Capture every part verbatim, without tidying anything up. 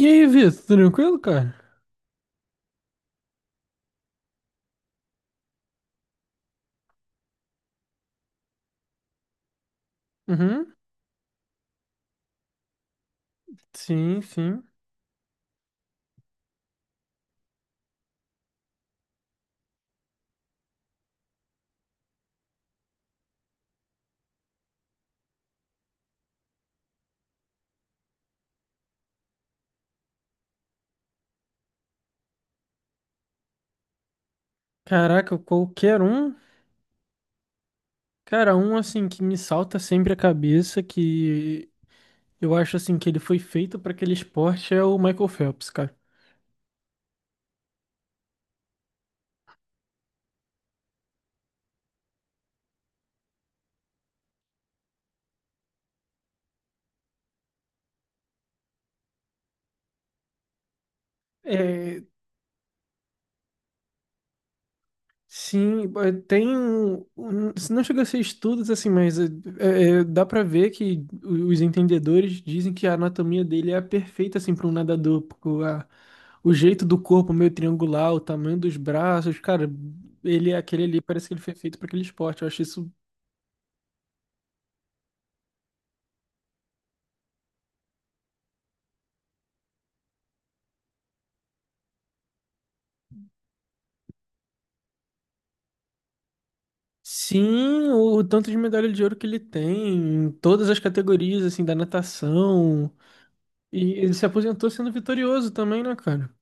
E aí, Vitor, tranquilo, cara? Uhum, sim, sim. Caraca, qualquer um. Cara, um assim que me salta sempre a cabeça, que eu acho assim que ele foi feito pra aquele esporte é o Michael Phelps, cara. É, sim, eh, tem. um- um- Não chega a ser estudos assim, mas eh, eh, dá pra ver que o- os entendedores dizem que a anatomia dele é a perfeita assim para um nadador, porque a- o jeito do corpo meio triangular, o tamanho dos braços, cara, ele é aquele ali, parece que ele foi feito para aquele esporte. Eu acho isso. Sim, o, o tanto de medalha de ouro que ele tem, em todas as categorias assim da natação. E ele se aposentou sendo vitorioso também, né, cara?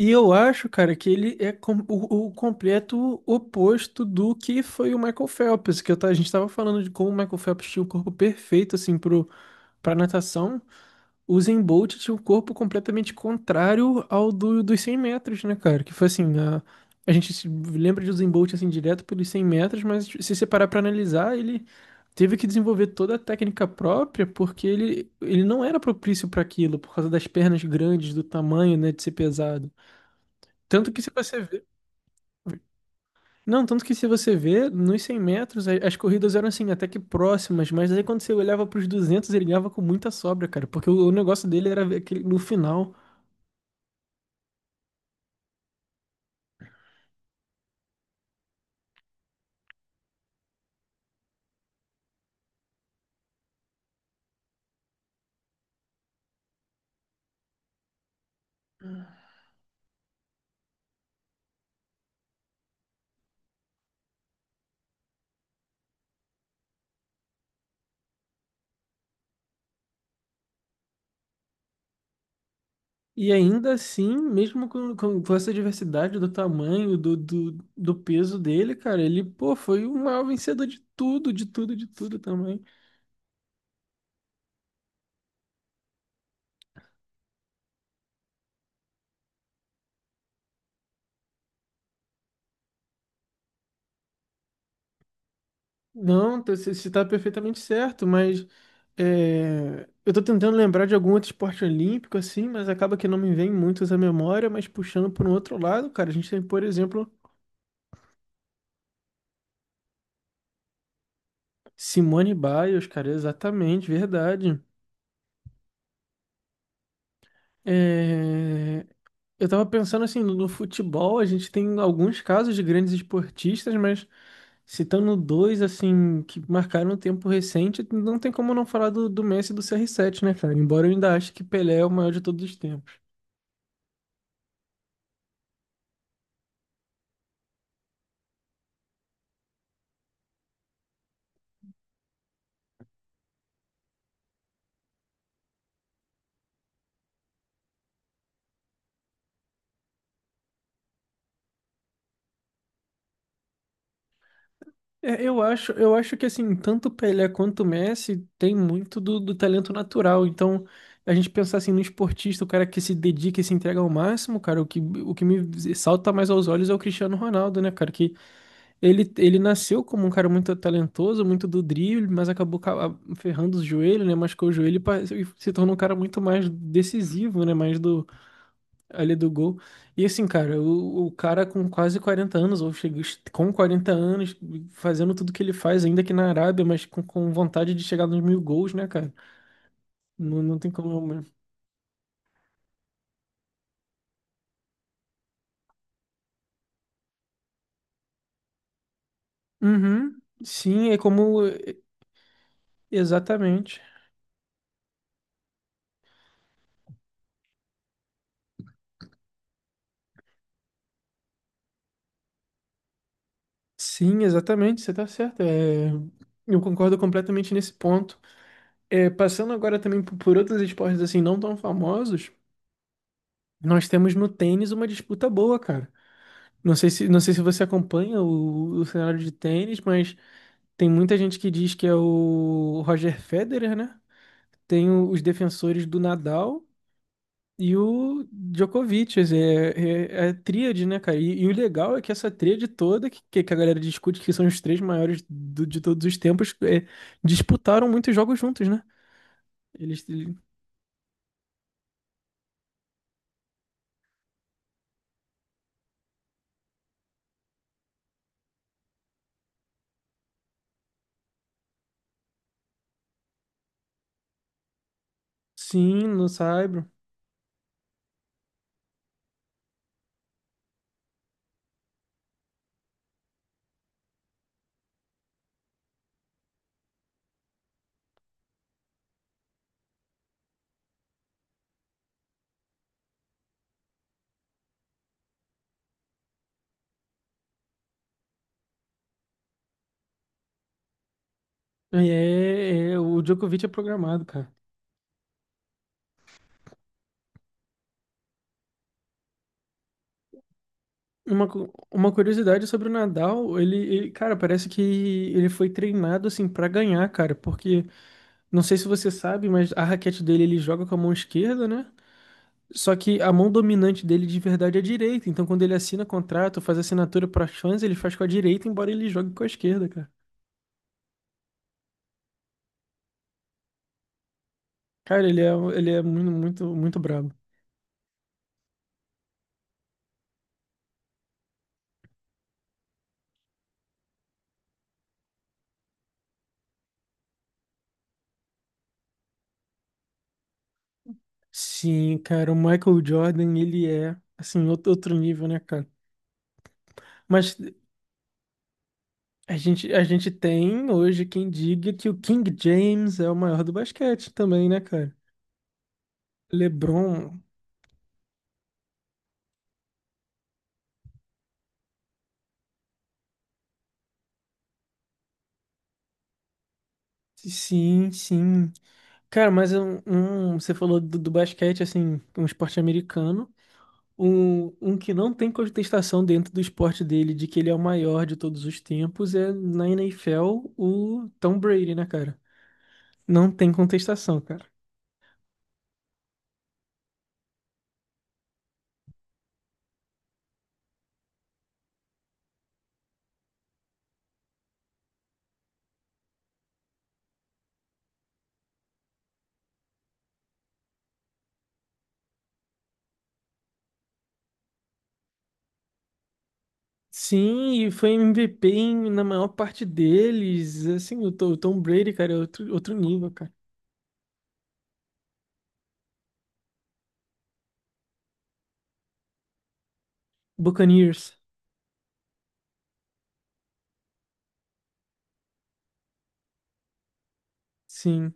E eu acho, cara, que ele é com- o, o completo oposto do que foi o Michael Phelps, que eu ta- a gente tava falando de como o Michael Phelps tinha um corpo perfeito, assim, pro, pra natação. O Usain Bolt tinha um corpo completamente contrário ao do, dos 100 metros, né, cara? Que foi assim, a, a gente se lembra de Usain Bolt, assim, direto pelos 100 metros, mas se você parar pra analisar, ele teve que desenvolver toda a técnica própria, porque ele, ele não era propício para aquilo, por causa das pernas grandes, do tamanho, né, de ser pesado. Tanto que se você vê. Não, tanto que se você vê, nos cem metros, a- as corridas eram assim, até que próximas, mas aí quando você olhava pros duzentos ele ganhava com muita sobra, cara, porque o, o negócio dele era ver aquele, no final. E ainda assim, mesmo com, com, com essa diversidade do tamanho, do, do, do peso dele, cara, ele, pô, foi o maior vencedor de tudo, de tudo, de tudo também. Não, tá- você está perfeitamente certo, mas é, eu tô tentando lembrar de algum outro esporte olímpico, assim, mas acaba que não me vem muitos à memória, mas puxando por um outro lado, cara, a gente tem, por exemplo, Simone Biles, cara, exatamente, verdade. É, eu tava pensando assim, no no futebol a gente tem alguns casos de grandes esportistas, mas citando dois, assim, que marcaram um tempo recente, não tem como não falar do, do Messi e do C R sete, né, cara? Embora eu ainda ache que Pelé é o maior de todos os tempos. É, eu acho, eu acho que assim, tanto o Pelé quanto o Messi tem muito do, do talento natural. Então, a gente pensar assim no esportista, o cara que se dedica e se entrega ao máximo, cara, o que, o que me salta mais aos olhos é o Cristiano Ronaldo, né, cara? Que ele, ele nasceu como um cara muito talentoso, muito do drible, mas acabou ca- ferrando os joelhos, né? Machucou o joelho e pa- e se tornou um cara muito mais decisivo, né? Mais do, ali do gol. E assim, cara, o, o cara com quase quarenta anos, ou chega com quarenta anos, fazendo tudo que ele faz, ainda aqui na Arábia, mas com, com vontade de chegar nos mil gols, né, cara? Não, não tem como. Uhum. Sim, é como. Exatamente. Sim, exatamente, você tá certo. É, eu concordo completamente nesse ponto. É, passando agora também por por outros esportes assim não tão famosos, nós temos no tênis uma disputa boa, cara. Não sei se, não sei se você acompanha o, o cenário de tênis, mas tem muita gente que diz que é o Roger Federer, né? Tem o- os defensores do Nadal e o Djokovic. Quer dizer, É, é, é tríade, né, cara? E, e o legal é que essa tríade toda, que, que a galera discute que são os três maiores do- de todos os tempos, é, disputaram muitos jogos juntos, né? Eles, ele- sim, no Saibro. É, é, é, o Djokovic é programado, cara. Uma, cu- uma curiosidade sobre o Nadal, ele, ele, cara, parece que ele foi treinado assim pra ganhar, cara, porque não sei se você sabe, mas a raquete dele ele joga com a mão esquerda, né? Só que a mão dominante dele de verdade é a direita. Então quando ele assina contrato, faz assinatura para fãs, ele faz com a direita, embora ele jogue com a esquerda, cara. Cara, ele é, ele é muito, muito, muito brabo. Sim, cara, o Michael Jordan, ele é, assim, outro, outro nível, né, cara? Mas a gente, a gente tem hoje quem diga que o King James é o maior do basquete também, né, cara? LeBron, sim, sim. Cara, mas um, um- você falou do, do basquete, assim, um esporte americano. Um, um que não tem contestação dentro do esporte dele, de que ele é o maior de todos os tempos, é na N F L o Tom Brady, né, cara? Não tem contestação, cara. Sim, e foi M V P em- na maior parte deles. Assim, o, To- o Tom Brady, cara, é outro, outro nível, cara. Buccaneers, sim.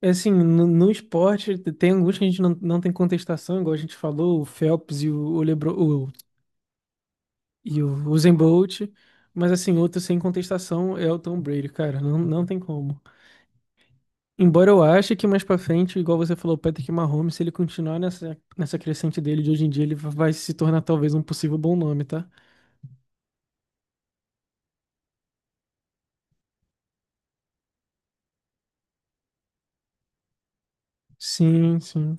É, assim, no, no esporte, tem alguns que a gente não, não tem contestação, igual a gente falou, o Phelps e o, o, LeBron, e o Usain Bolt, mas assim, outro sem contestação é o Tom Brady, cara, não, não tem como. Embora eu ache que mais pra frente, igual você falou, o Patrick Mahomes, se ele continuar nessa, nessa crescente dele de hoje em dia, ele vai se tornar talvez um possível bom nome, tá? Sim, sim.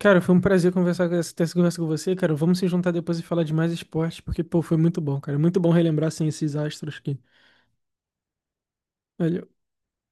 Cara, foi um prazer conversar com essa ter essa conversa com você, cara. Vamos se juntar depois e falar de mais esporte, porque, pô, foi muito bom, cara. Muito bom relembrar, assim, esses astros aqui. Valeu.